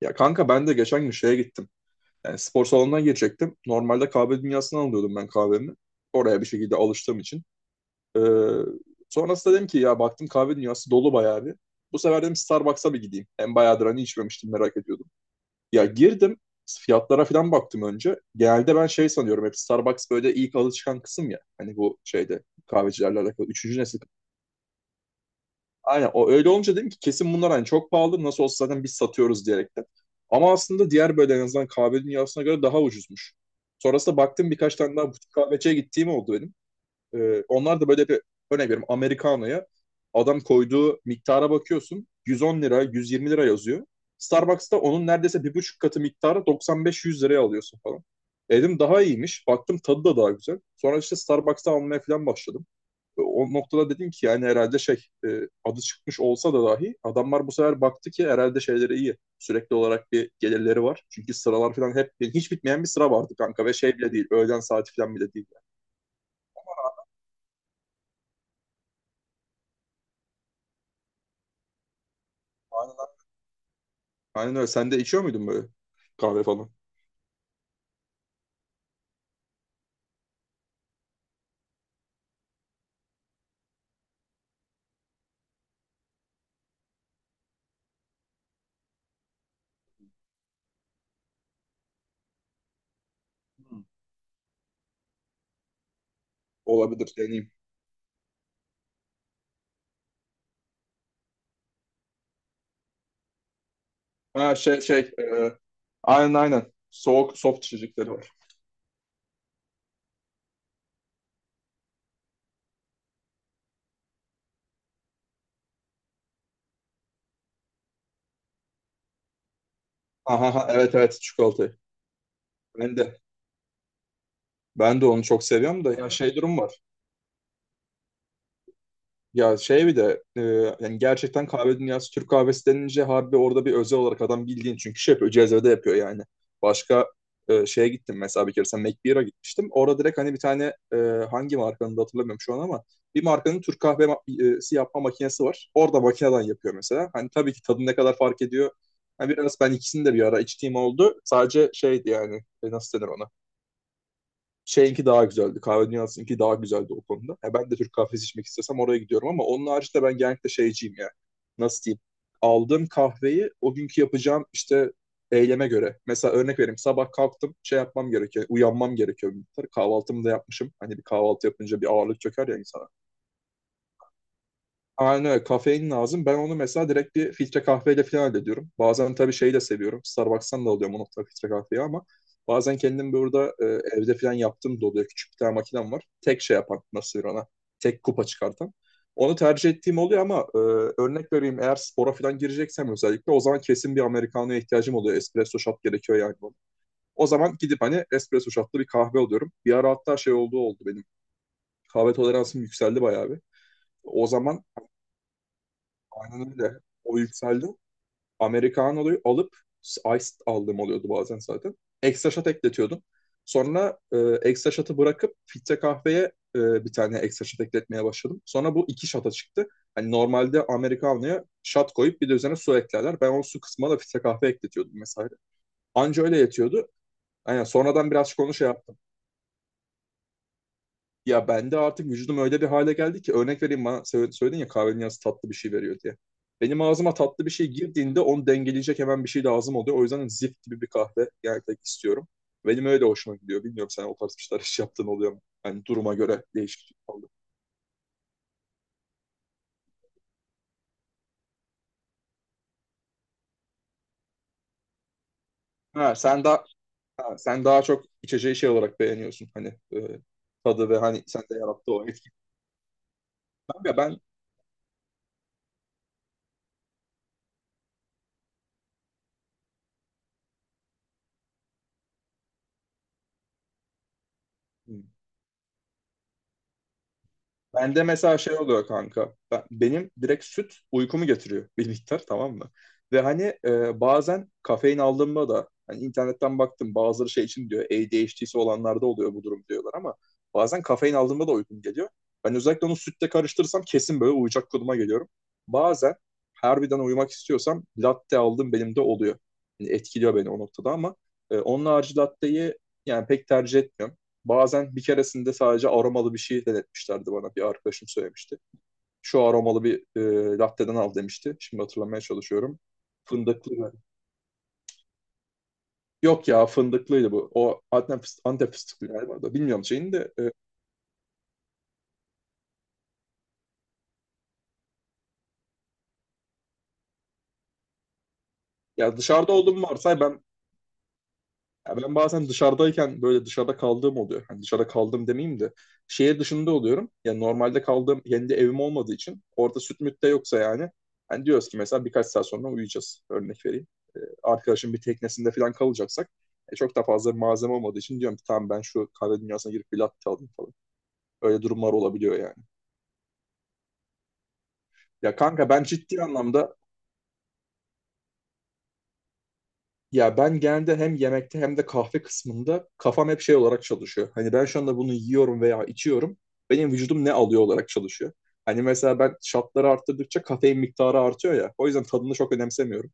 Ya kanka ben de geçen gün şeye gittim. Yani spor salonuna girecektim. Normalde kahve dünyasından alıyordum ben kahvemi. Oraya bir şekilde alıştığım için. Ee, sonrasında dedim ki ya baktım kahve dünyası dolu bayağı bir. Bu sefer dedim Starbucks'a bir gideyim. Hem bayağıdır hani içmemiştim merak ediyordum. Ya girdim fiyatlara falan baktım önce. Genelde ben şey sanıyorum hep Starbucks böyle ilk alı çıkan kısım ya. Hani bu şeyde kahvecilerle alakalı. Üçüncü nesil. Aynen o öyle olunca dedim ki kesin bunlar hani çok pahalı nasıl olsa zaten biz satıyoruz diyerek de. Ama aslında diğer böyle en azından kahve dünyasına göre daha ucuzmuş. Sonrasında baktım birkaç tane daha butik kahveciye gittiğim oldu benim. Onlar da böyle bir örnek veriyorum Americano'ya adam koyduğu miktara bakıyorsun 110 lira 120 lira yazıyor. Starbucks'ta onun neredeyse bir buçuk katı miktarı 95-100 liraya alıyorsun falan. Dedim daha iyiymiş. Baktım tadı da daha güzel. Sonra işte Starbucks'ta almaya falan başladım o noktada dedim ki yani herhalde şey adı çıkmış olsa da dahi adamlar bu sefer baktı ki herhalde şeyleri iyi. Sürekli olarak bir gelirleri var. Çünkü sıralar falan hep yani hiç bitmeyen bir sıra vardı kanka ve şey bile değil. Öğlen saati falan bile değil. Yani. Aynen, aynen öyle. Sen de içiyor muydun böyle kahve falan? Hmm. Olabilir deneyeyim. Ha aynen aynen. Soğuk soft içecekleri var. Aha, aha, evet evet çikolatayı. Ben de ben de onu çok seviyorum da ya şey durum var. Ya şey bir de yani gerçekten kahve dünyası Türk kahvesi denince harbi orada bir özel olarak adam bildiğin çünkü şey yapıyor cezvede yapıyor yani. Başka şeye gittim mesela bir kere sen McBeer'a gitmiştim. Orada direkt hani bir tane e, hangi markanın da hatırlamıyorum şu an ama bir markanın Türk kahvesi yapma makinesi var. Orada makineden yapıyor mesela. Hani tabii ki tadı ne kadar fark ediyor. Hani biraz ben ikisini de bir ara içtiğim oldu. Sadece şeydi yani nasıl denir ona? Şeyinki daha güzeldi. Kahve Dünyası'nınki daha güzeldi o konuda. Ya ben de Türk kahvesi içmek istesem oraya gidiyorum ama onun haricinde ben genellikle şeyciyim yani. Nasıl diyeyim? Aldığım kahveyi o günkü yapacağım işte eyleme göre. Mesela örnek vereyim. Sabah kalktım şey yapmam gerekiyor. Uyanmam gerekiyor. Kahvaltımı da yapmışım. Hani bir kahvaltı yapınca bir ağırlık çöker ya insan. Aynen öyle. Kafein lazım. Ben onu mesela direkt bir filtre kahveyle falan hallediyorum. Bazen tabii şeyi de seviyorum. Starbucks'tan da alıyorum o nokta filtre kahveyi ama bazen kendim burada evde falan yaptığım da oluyor. Küçük bir tane makinem var. Tek şey yapan nasıl denir ona? Tek kupa çıkartan. Onu tercih ettiğim oluyor ama örnek vereyim eğer spora falan gireceksem özellikle o zaman kesin bir Americano'ya ihtiyacım oluyor. Espresso shot gerekiyor yani bana. O zaman gidip hani espresso shotlı bir kahve alıyorum. Bir ara hatta şey olduğu oldu benim. Kahve toleransım yükseldi bayağı bir. O zaman aynen öyle. O yükseldi. Americano'yu alıp Ice aldığım oluyordu bazen zaten. Ekstra shot ekletiyordum. Sonra ekstra shot'ı bırakıp filtre kahveye bir tane ekstra shot ekletmeye başladım. Sonra bu iki shot'a çıktı. Hani normalde Americano'ya shot koyup bir de üzerine su eklerler. Ben o su kısmına da filtre kahve ekletiyordum mesela. Anca öyle yetiyordu. Aynen sonradan birazcık onu şey yaptım. Ya bende artık vücudum öyle bir hale geldi ki örnek vereyim bana söyledin ya kahvenin yanında tatlı bir şey veriyor diye. Benim ağzıma tatlı bir şey girdiğinde onu dengeleyecek hemen bir şey lazım oluyor. O yüzden zift gibi bir kahve gerçekten istiyorum. Benim öyle hoşuma gidiyor. Bilmiyorum sen o tarz bir şeyler hiç yaptığın oluyor mu? Hani duruma göre değişiklik oldu. Ha, sen daha ha, sen daha çok içeceği şey olarak beğeniyorsun hani e, tadı ve hani sende yarattığı o etkinden ya ben. Bende mesela şey oluyor kanka. Benim direkt süt uykumu getiriyor bir miktar tamam mı? Ve hani bazen kafein aldığımda da hani internetten baktım bazıları şey için diyor ADHD'si olanlarda oluyor bu durum diyorlar ama bazen kafein aldığımda da uykum geliyor. Ben özellikle onu sütle karıştırırsam kesin böyle uyuyacak konuma geliyorum. Bazen harbiden uyumak istiyorsam latte aldım benim de oluyor. Yani etkiliyor beni o noktada ama onun harici latteyi yani pek tercih etmiyorum. Bazen bir keresinde sadece aromalı bir şey denetmişlerdi bana. Bir arkadaşım söylemişti. Şu aromalı bir latte'den al demişti. Şimdi hatırlamaya çalışıyorum. Fındıklı mı? Yok ya fındıklıydı bu. O Antep, Antep fıstıklı galiba da. Bilmiyorum şeyini de. Ya dışarıda olduğum varsa ben ya ben bazen dışarıdayken böyle dışarıda kaldığım oluyor. Hani dışarıda kaldım demeyeyim de şehir dışında oluyorum. Yani normalde kaldığım kendi evim olmadığı için orada süt müt de yoksa yani. Hani diyoruz ki mesela birkaç saat sonra uyuyacağız. Örnek vereyim. Arkadaşın bir teknesinde falan kalacaksak çok da fazla bir malzeme olmadığı için diyorum ki tamam ben şu kahve dünyasına girip bir latte alayım falan. Öyle durumlar olabiliyor yani. Ya kanka ben ciddi anlamda ya ben genelde hem yemekte hem de kahve kısmında kafam hep şey olarak çalışıyor. Hani ben şu anda bunu yiyorum veya içiyorum. Benim vücudum ne alıyor olarak çalışıyor. Hani mesela ben şartları arttırdıkça kafein miktarı artıyor ya. O yüzden tadını çok önemsemiyorum.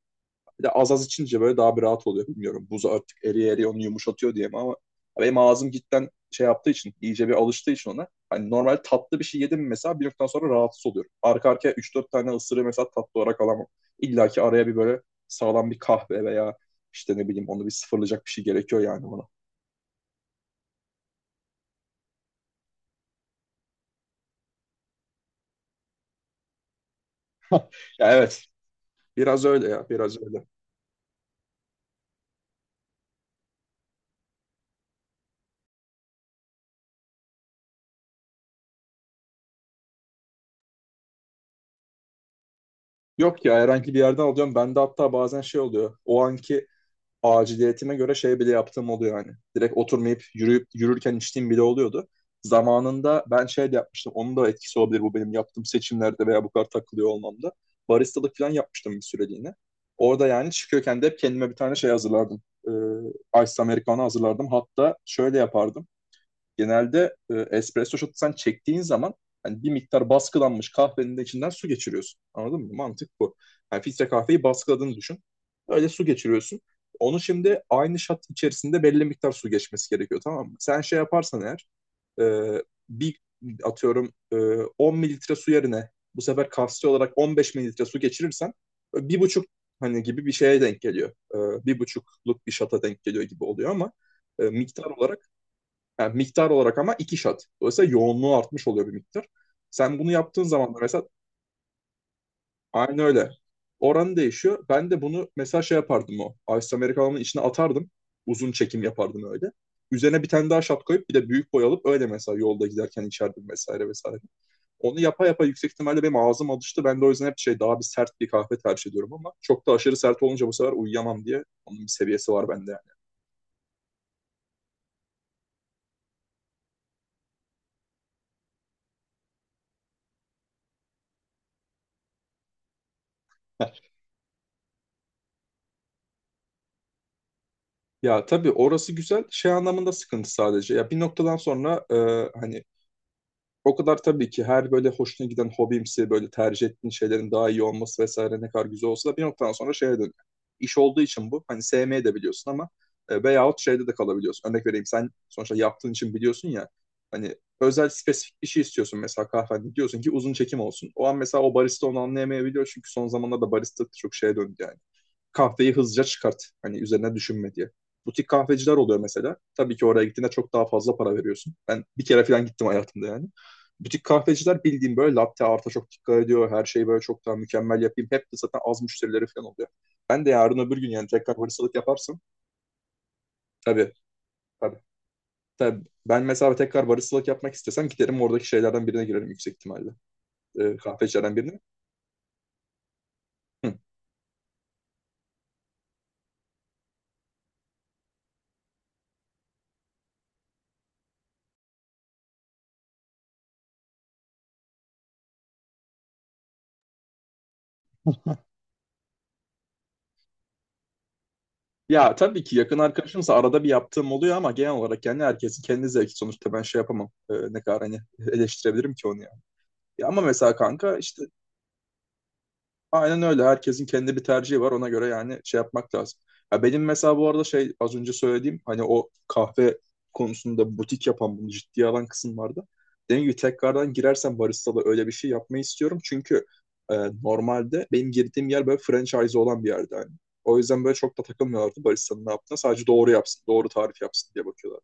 Bir de az az içince böyle daha bir rahat oluyor. Bilmiyorum buz artık eriye eriye onu yumuşatıyor diye mi ama benim ağzım cidden şey yaptığı için, iyice bir alıştığı için ona. Hani normal tatlı bir şey yedim mi mesela bir noktadan sonra rahatsız oluyorum. Arka arkaya 3-4 tane ısırığı mesela tatlı olarak alamam. İlla ki araya bir böyle sağlam bir kahve veya işte ne bileyim onu bir sıfırlayacak bir şey gerekiyor yani ona. Ya evet biraz öyle ya biraz öyle. Yok ya herhangi bir yerden alıyorum. Bende hatta bazen şey oluyor. O anki aciliyetime göre şey bile yaptığım oluyor yani. Direkt oturmayıp yürüyüp yürürken içtiğim bile oluyordu. Zamanında ben şey de yapmıştım. Onun da etkisi olabilir bu benim yaptığım seçimlerde veya bu kadar takılıyor olmamda. Baristalık falan yapmıştım bir süreliğine. Orada yani çıkıyorken de hep kendime bir tane şey hazırlardım. Ice Americano hazırlardım. Hatta şöyle yapardım. Genelde espresso shot'u sen çektiğin zaman hani bir miktar baskılanmış kahvenin de içinden su geçiriyorsun. Anladın mı? Mantık bu. Yani filtre kahveyi baskıladığını düşün. Öyle su geçiriyorsun. Onu şimdi aynı shot içerisinde belli miktar su geçmesi gerekiyor tamam mı? Sen şey yaparsan eğer e, bir atıyorum 10 mililitre su yerine bu sefer kapsül olarak 15 mililitre su geçirirsen bir buçuk hani gibi bir şeye denk geliyor. Bir buçukluk bir şata denk geliyor gibi oluyor ama miktar olarak yani miktar olarak ama iki shot. Dolayısıyla yoğunluğu artmış oluyor bir miktar. Sen bunu yaptığın zaman da mesela aynı öyle. Oranı değişiyor. Ben de bunu mesela şey yapardım o. Ice Americano'nun içine atardım. Uzun çekim yapardım öyle. Üzerine bir tane daha shot koyup bir de büyük boy alıp öyle mesela yolda giderken içerdim vesaire vesaire. Onu yapa yapa yüksek ihtimalle benim ağzım alıştı. Ben de o yüzden hep şey daha bir sert bir kahve tercih ediyorum ama çok da aşırı sert olunca bu sefer uyuyamam diye onun bir seviyesi var bende yani. Ya tabii orası güzel. Şey anlamında sıkıntı sadece. Ya bir noktadan sonra hani o kadar tabii ki her böyle hoşuna giden hobimsi böyle tercih ettiğin şeylerin daha iyi olması vesaire ne kadar güzel olsa da bir noktadan sonra şeye dönüyor. İş olduğu için bu. Hani sevmeye de biliyorsun ama veyahut şeyde de kalabiliyorsun. Örnek vereyim sen sonuçta yaptığın için biliyorsun ya hani özel spesifik bir şey istiyorsun mesela kahvende diyorsun ki uzun çekim olsun. O an mesela o barista onu anlayamayabiliyor çünkü son zamanlarda barista çok şeye döndü yani kahveyi hızlıca çıkart. Hani üzerine düşünme diye. Butik kahveciler oluyor mesela. Tabii ki oraya gittiğinde çok daha fazla para veriyorsun. Ben bir kere falan gittim hayatımda yani. Butik kahveciler bildiğim böyle latte arta çok dikkat ediyor. Her şeyi böyle çok daha mükemmel yapayım. Hep de zaten az müşterileri falan oluyor. Ben de yarın öbür gün yani tekrar baristalık yaparsın. Tabii tabii. Tabii ben mesela tekrar baristalık yapmak istesem giderim oradaki şeylerden birine girerim yüksek ihtimalle. Kahvecilerden birine. Hı. Ya tabii ki yakın arkadaşımsa arada bir yaptığım oluyor ama genel olarak yani herkesin kendi zevki sonuçta ben şey yapamam. Ne kadar hani eleştirebilirim ki onu ya. Ya ama mesela kanka işte aynen öyle. Herkesin kendi bir tercihi var. Ona göre yani şey yapmak lazım. Ya benim mesela bu arada şey az önce söylediğim hani o kahve konusunda butik yapan bunu ciddiye alan kısım vardı. Dediğim gibi tekrardan girersem baristalı öyle bir şey yapmayı istiyorum. Çünkü e, normalde benim girdiğim yer böyle franchise olan bir yerde yani. O yüzden böyle çok da takılmıyorlardı baristanın ne yaptığına. Sadece doğru yapsın, doğru tarif yapsın diye bakıyorlar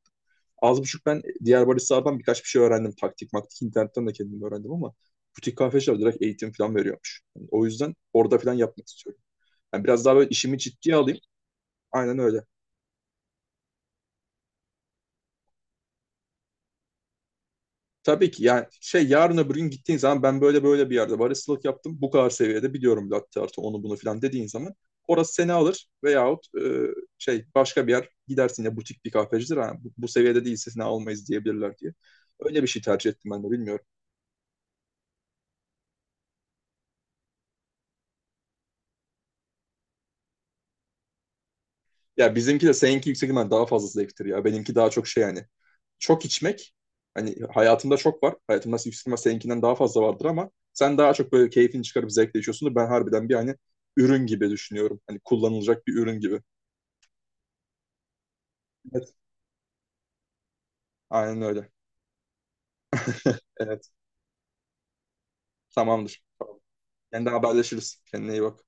az buçuk ben diğer baristalardan birkaç bir şey öğrendim. Taktik maktik internetten de kendim öğrendim ama butik kahveciler direkt eğitim falan veriyormuş. Yani o yüzden orada falan yapmak istiyorum. Yani biraz daha böyle işimi ciddiye alayım. Aynen öyle. Tabii ki yani şey yarın öbür gün gittiğin zaman ben böyle böyle bir yerde baristalık yaptım. Bu kadar seviyede biliyorum latte artı onu bunu falan dediğin zaman orası seni alır veyahut şey başka bir yer gidersin ya butik bir kahvecidir. Ha, bu seviyede değilse seni almayız diyebilirler diye. Öyle bir şey tercih ettim ben de bilmiyorum. Ya bizimki de seninki yüksek ihtimal daha fazla zevktir ya. Benimki daha çok şey yani. Çok içmek hani hayatımda çok var. Hayatımda yüksek ihtimal seninkinden daha fazla vardır ama sen daha çok böyle keyfini çıkarıp zevkle içiyorsundur. Ben harbiden bir hani ürün gibi düşünüyorum. Hani kullanılacak bir ürün gibi. Evet. Aynen öyle. Evet. Tamamdır. Tamam. Kendine haberleşiriz. Kendine iyi bak.